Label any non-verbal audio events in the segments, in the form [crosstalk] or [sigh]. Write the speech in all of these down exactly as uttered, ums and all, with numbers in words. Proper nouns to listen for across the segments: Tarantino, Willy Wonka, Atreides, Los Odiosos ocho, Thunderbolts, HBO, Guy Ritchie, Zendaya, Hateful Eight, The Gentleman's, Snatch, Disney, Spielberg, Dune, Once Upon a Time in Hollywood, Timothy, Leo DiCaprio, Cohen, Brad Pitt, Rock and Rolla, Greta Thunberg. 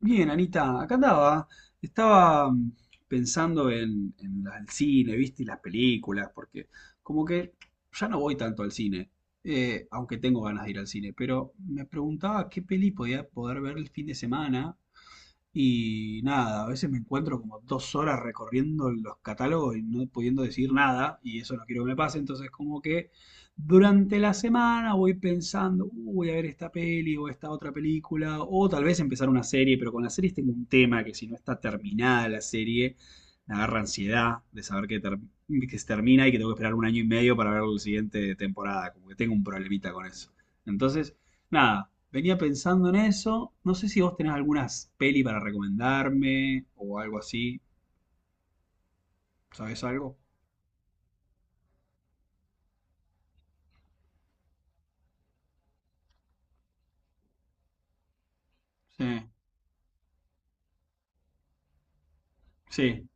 Bien, Anita, acá andaba. Estaba mm, pensando en, en la- el cine, ¿viste? Y las películas, porque como que ya no voy tanto al cine, eh, aunque tengo ganas de ir al cine, pero me preguntaba qué peli podía poder ver el fin de semana y nada, a veces me encuentro como dos horas recorriendo los catálogos y no pudiendo decir nada, y eso no quiero que me pase, entonces como que durante la semana voy pensando, "Uh, voy a ver esta peli o esta otra película, o tal vez empezar una serie, pero con las series tengo un tema que si no está terminada la serie, me agarra ansiedad de saber que, ter- que se termina y que tengo que esperar un año y medio para ver la siguiente temporada, como que tengo un problemita con eso. Entonces... Nada, venía pensando en eso. No sé si vos tenés algunas peli para recomendarme o algo así. ¿Sabés algo? Sí, sí,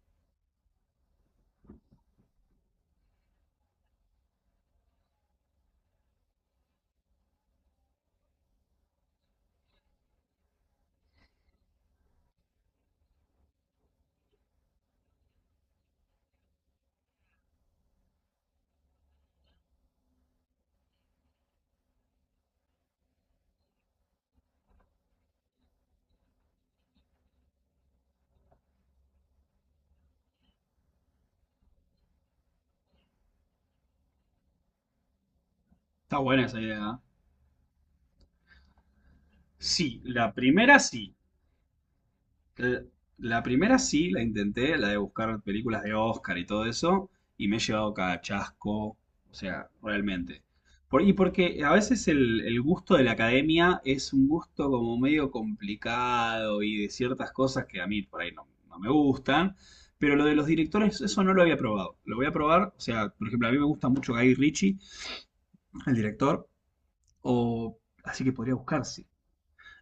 está buena esa idea. ¿Eh? Sí, la primera sí. l- La primera sí la intenté, la de buscar películas de Oscar y todo eso, y me he llevado cada chasco, o sea, realmente. Por, y porque a veces el, el gusto de la academia es un gusto como medio complicado y de ciertas cosas que a mí por ahí no, no me gustan, pero lo de los directores, eso no lo había probado. Lo voy a probar, o sea, por ejemplo, a mí me gusta mucho Guy Ritchie, el director, o así que podría buscar, sí.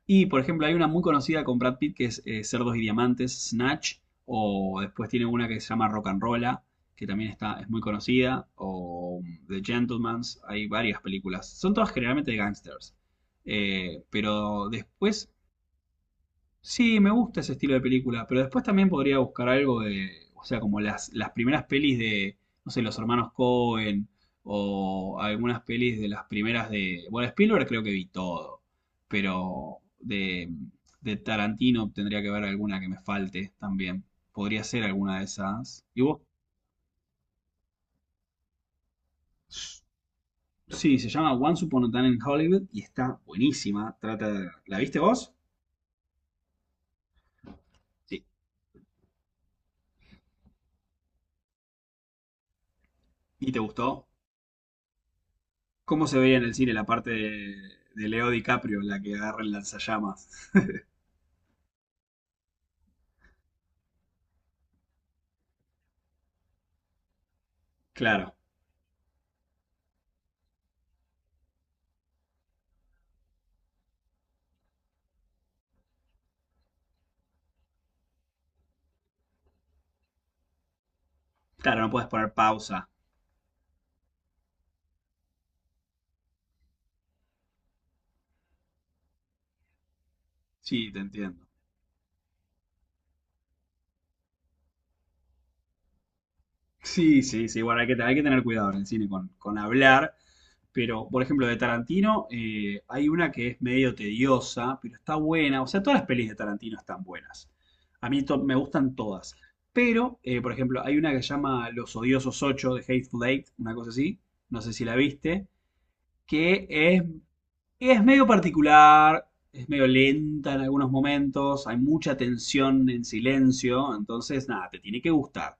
Y, por ejemplo, hay una muy conocida con Brad Pitt que es eh, Cerdos y Diamantes, Snatch, o después tiene una que se llama Rock and Rolla, que también está, es muy conocida, o um, The Gentleman's, hay varias películas. Son todas generalmente de gangsters. Eh, pero después sí, me gusta ese estilo de película, pero después también podría buscar algo de, o sea, como las, las primeras pelis de, no sé, los hermanos Cohen o algunas pelis de las primeras de, bueno, Spielberg creo que vi todo, pero de, de Tarantino tendría que ver alguna que me falte también. Podría ser alguna de esas. Y vos, sí, se llama Once Upon a Time in Hollywood y está buenísima. Trata, ¿la viste vos? Sí, ¿y te gustó? ¿Cómo se veía en el cine la parte de, de Leo DiCaprio, la que agarra el lanzallamas? Claro, claro, no puedes poner pausa. Sí, te entiendo. Sí, sí, sí, bueno, hay que, hay que tener cuidado en el cine con, con hablar, pero por ejemplo de Tarantino eh, hay una que es medio tediosa, pero está buena, o sea, todas las pelis de Tarantino están buenas. A mí to- me gustan todas, pero eh, por ejemplo hay una que se llama Los Odiosos ocho de Hateful Eight, una cosa así, no sé si la viste, que es es medio particular, es medio lenta en algunos momentos, hay mucha tensión en silencio, entonces nada, te tiene que gustar.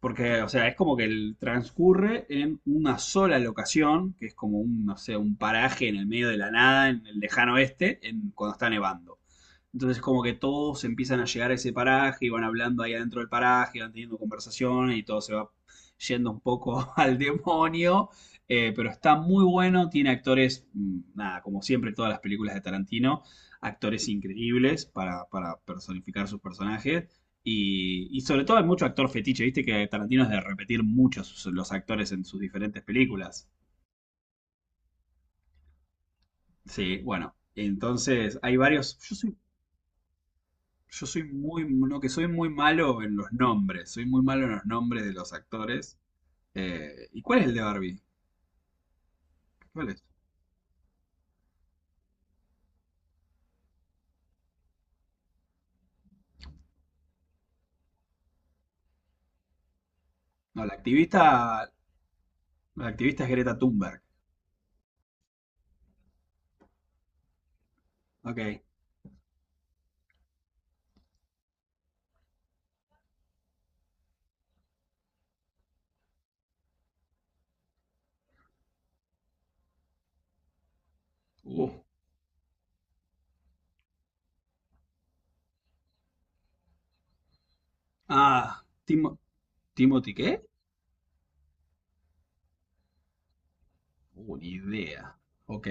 Porque, o sea, es como que el transcurre en una sola locación, que es como un, no sé, un paraje en el medio de la nada, en el lejano oeste, en, cuando está nevando. Entonces, como que todos empiezan a llegar a ese paraje y van hablando ahí adentro del paraje, van teniendo conversaciones y todo se va yendo un poco [laughs] al demonio. Eh, pero está muy bueno, tiene actores, mm, nada, como siempre todas las películas de Tarantino, actores increíbles para, para personificar sus personajes. Y, y sobre todo hay mucho actor fetiche, viste que Tarantino es de repetir muchos los actores en sus diferentes películas. Sí, bueno, entonces hay varios. Yo soy, yo soy muy, no, que soy muy malo en los nombres, soy muy malo en los nombres de los actores. Eh, ¿y cuál es el de Barbie? ¿Cuál es? No, la activista, la activista es Greta Thunberg. Ok. Uh. Ah, Timo, ¿Timothy qué? Uh, ni idea. Ok.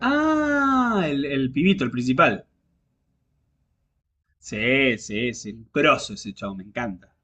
Ah, el, el pibito, el principal. Sí, sí, sí. Un Grosso ese chavo, me encanta.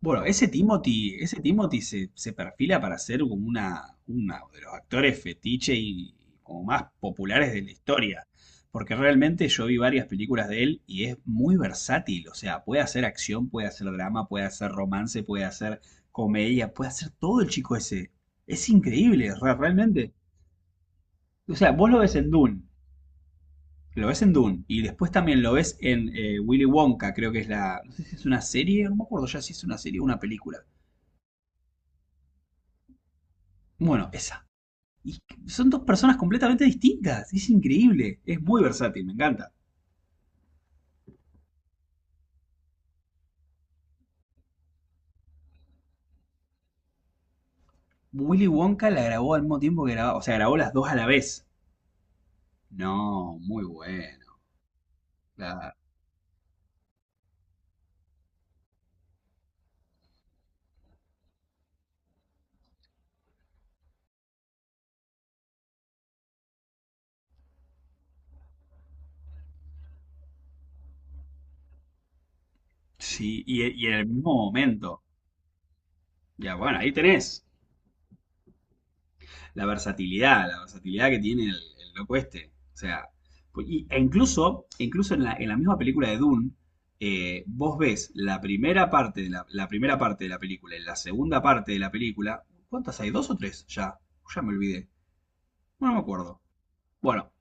Bueno, ese Timothy, ese Timothy se, se perfila para ser como una, una de los actores fetiche y como más populares de la historia. Porque realmente yo vi varias películas de él y es muy versátil. O sea, puede hacer acción, puede hacer drama, puede hacer romance, puede hacer comedia, puede hacer todo el chico ese. Es increíble, re- realmente. O sea, vos lo ves en Dune. Lo ves en Dune y después también lo ves en eh, Willy Wonka, creo que es la. No sé si es una serie, no me acuerdo ya si es una serie o una película. Bueno, esa. Y son dos personas completamente distintas. Es increíble. Es muy versátil, me encanta. Willy Wonka la grabó al mismo tiempo que grababa. O sea, grabó las dos a la vez. No, muy bueno. Claro. Sí, y, y en el mismo momento. Ya, bueno, ahí tenés. la versatilidad, la versatilidad que tiene el, el loco este. O sea, pues, y- e incluso, incluso en la, en la misma película de Dune, eh, vos ves la primera parte de la, la primera parte de la película y la segunda parte de la película. ¿Cuántas hay? ¿Dos o tres? Ya, ya me olvidé. No no me acuerdo. Bueno,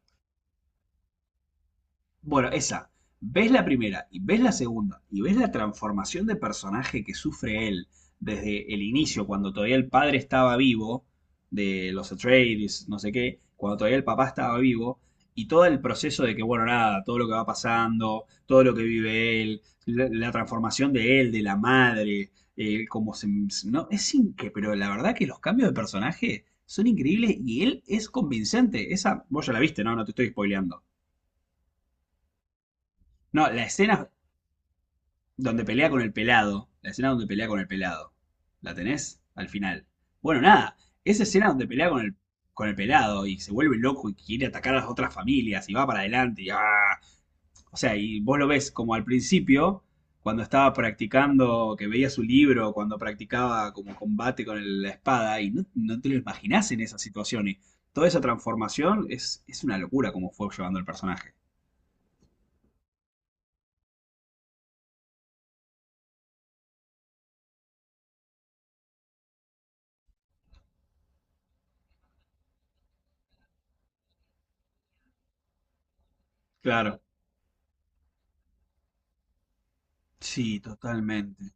bueno, esa. Ves la primera y ves la segunda y ves la transformación de personaje que sufre él desde el inicio, cuando todavía el padre estaba vivo, de los Atreides, no sé qué, cuando todavía el papá estaba vivo, y todo el proceso de que, bueno, nada, todo lo que va pasando, todo lo que vive él, la, la transformación de él, de la madre, eh, como se... No, es increíble, pero la verdad que los cambios de personaje son increíbles y él es convincente. Esa, vos ya la viste, ¿no? No te estoy spoileando. No, la escena donde pelea con el pelado. La escena donde pelea con el pelado. ¿La tenés? Al final. Bueno, nada. Esa escena donde pelea con el, con el pelado y se vuelve loco y quiere atacar a las otras familias y va para adelante y ¡ah! O sea, y vos lo ves como al principio, cuando estaba practicando, que veía su libro, cuando practicaba como combate con el- la espada y no, no te lo imaginás en esas situaciones. Toda esa transformación es, es una locura como fue llevando el personaje. Claro. Sí, totalmente.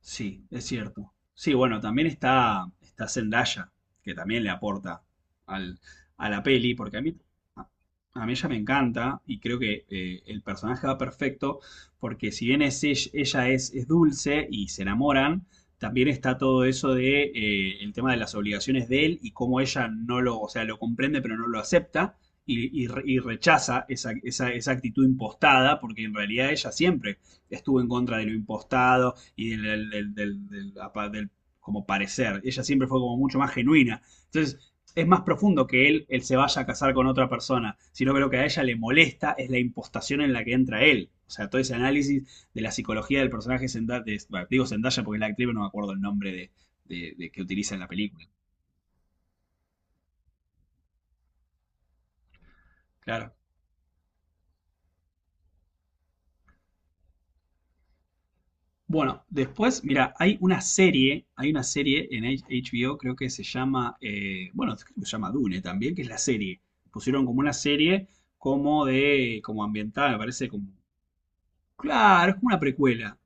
Sí, es cierto. Sí, bueno, también está, está Zendaya, que también le aporta al, a la peli, porque a mí, a, a mí ella me encanta y creo que eh, el personaje va perfecto, porque si bien es, ella ella es, es dulce y se enamoran, también está todo eso de eh, el tema de las obligaciones de él y cómo ella no lo, o sea, lo comprende pero no lo acepta y, y re- y rechaza esa, esa- esa actitud impostada, porque en realidad ella siempre estuvo en contra de lo impostado y del, del, del- del- del- del, del como parecer. Ella siempre fue como mucho más genuina. Entonces, es más profundo que él, él se vaya a casar con otra persona, sino que lo que a ella le molesta es la impostación en la que entra él. O sea, todo ese análisis de la psicología del personaje Zendaya, de- bueno, digo Zendaya porque es la actriz, no me acuerdo el nombre de, de- de que utiliza en la película. Claro. Bueno, después, mira, hay una serie, hay una serie en H- HBO, creo que se llama, eh, bueno, creo que se llama Dune también, que es la serie. Pusieron como una serie como de, como ambiental, me parece como, claro, es como una precuela.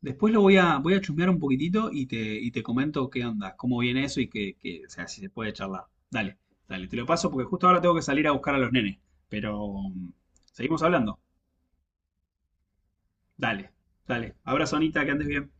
Después lo voy a, voy a chusmear un poquitito y te, y te comento qué onda, cómo viene eso y que, que, o sea, si se puede charlar. Dale, dale, te lo paso porque justo ahora tengo que salir a buscar a los nenes, pero mm, seguimos hablando. Dale, dale, abrazo Anita, que andes bien.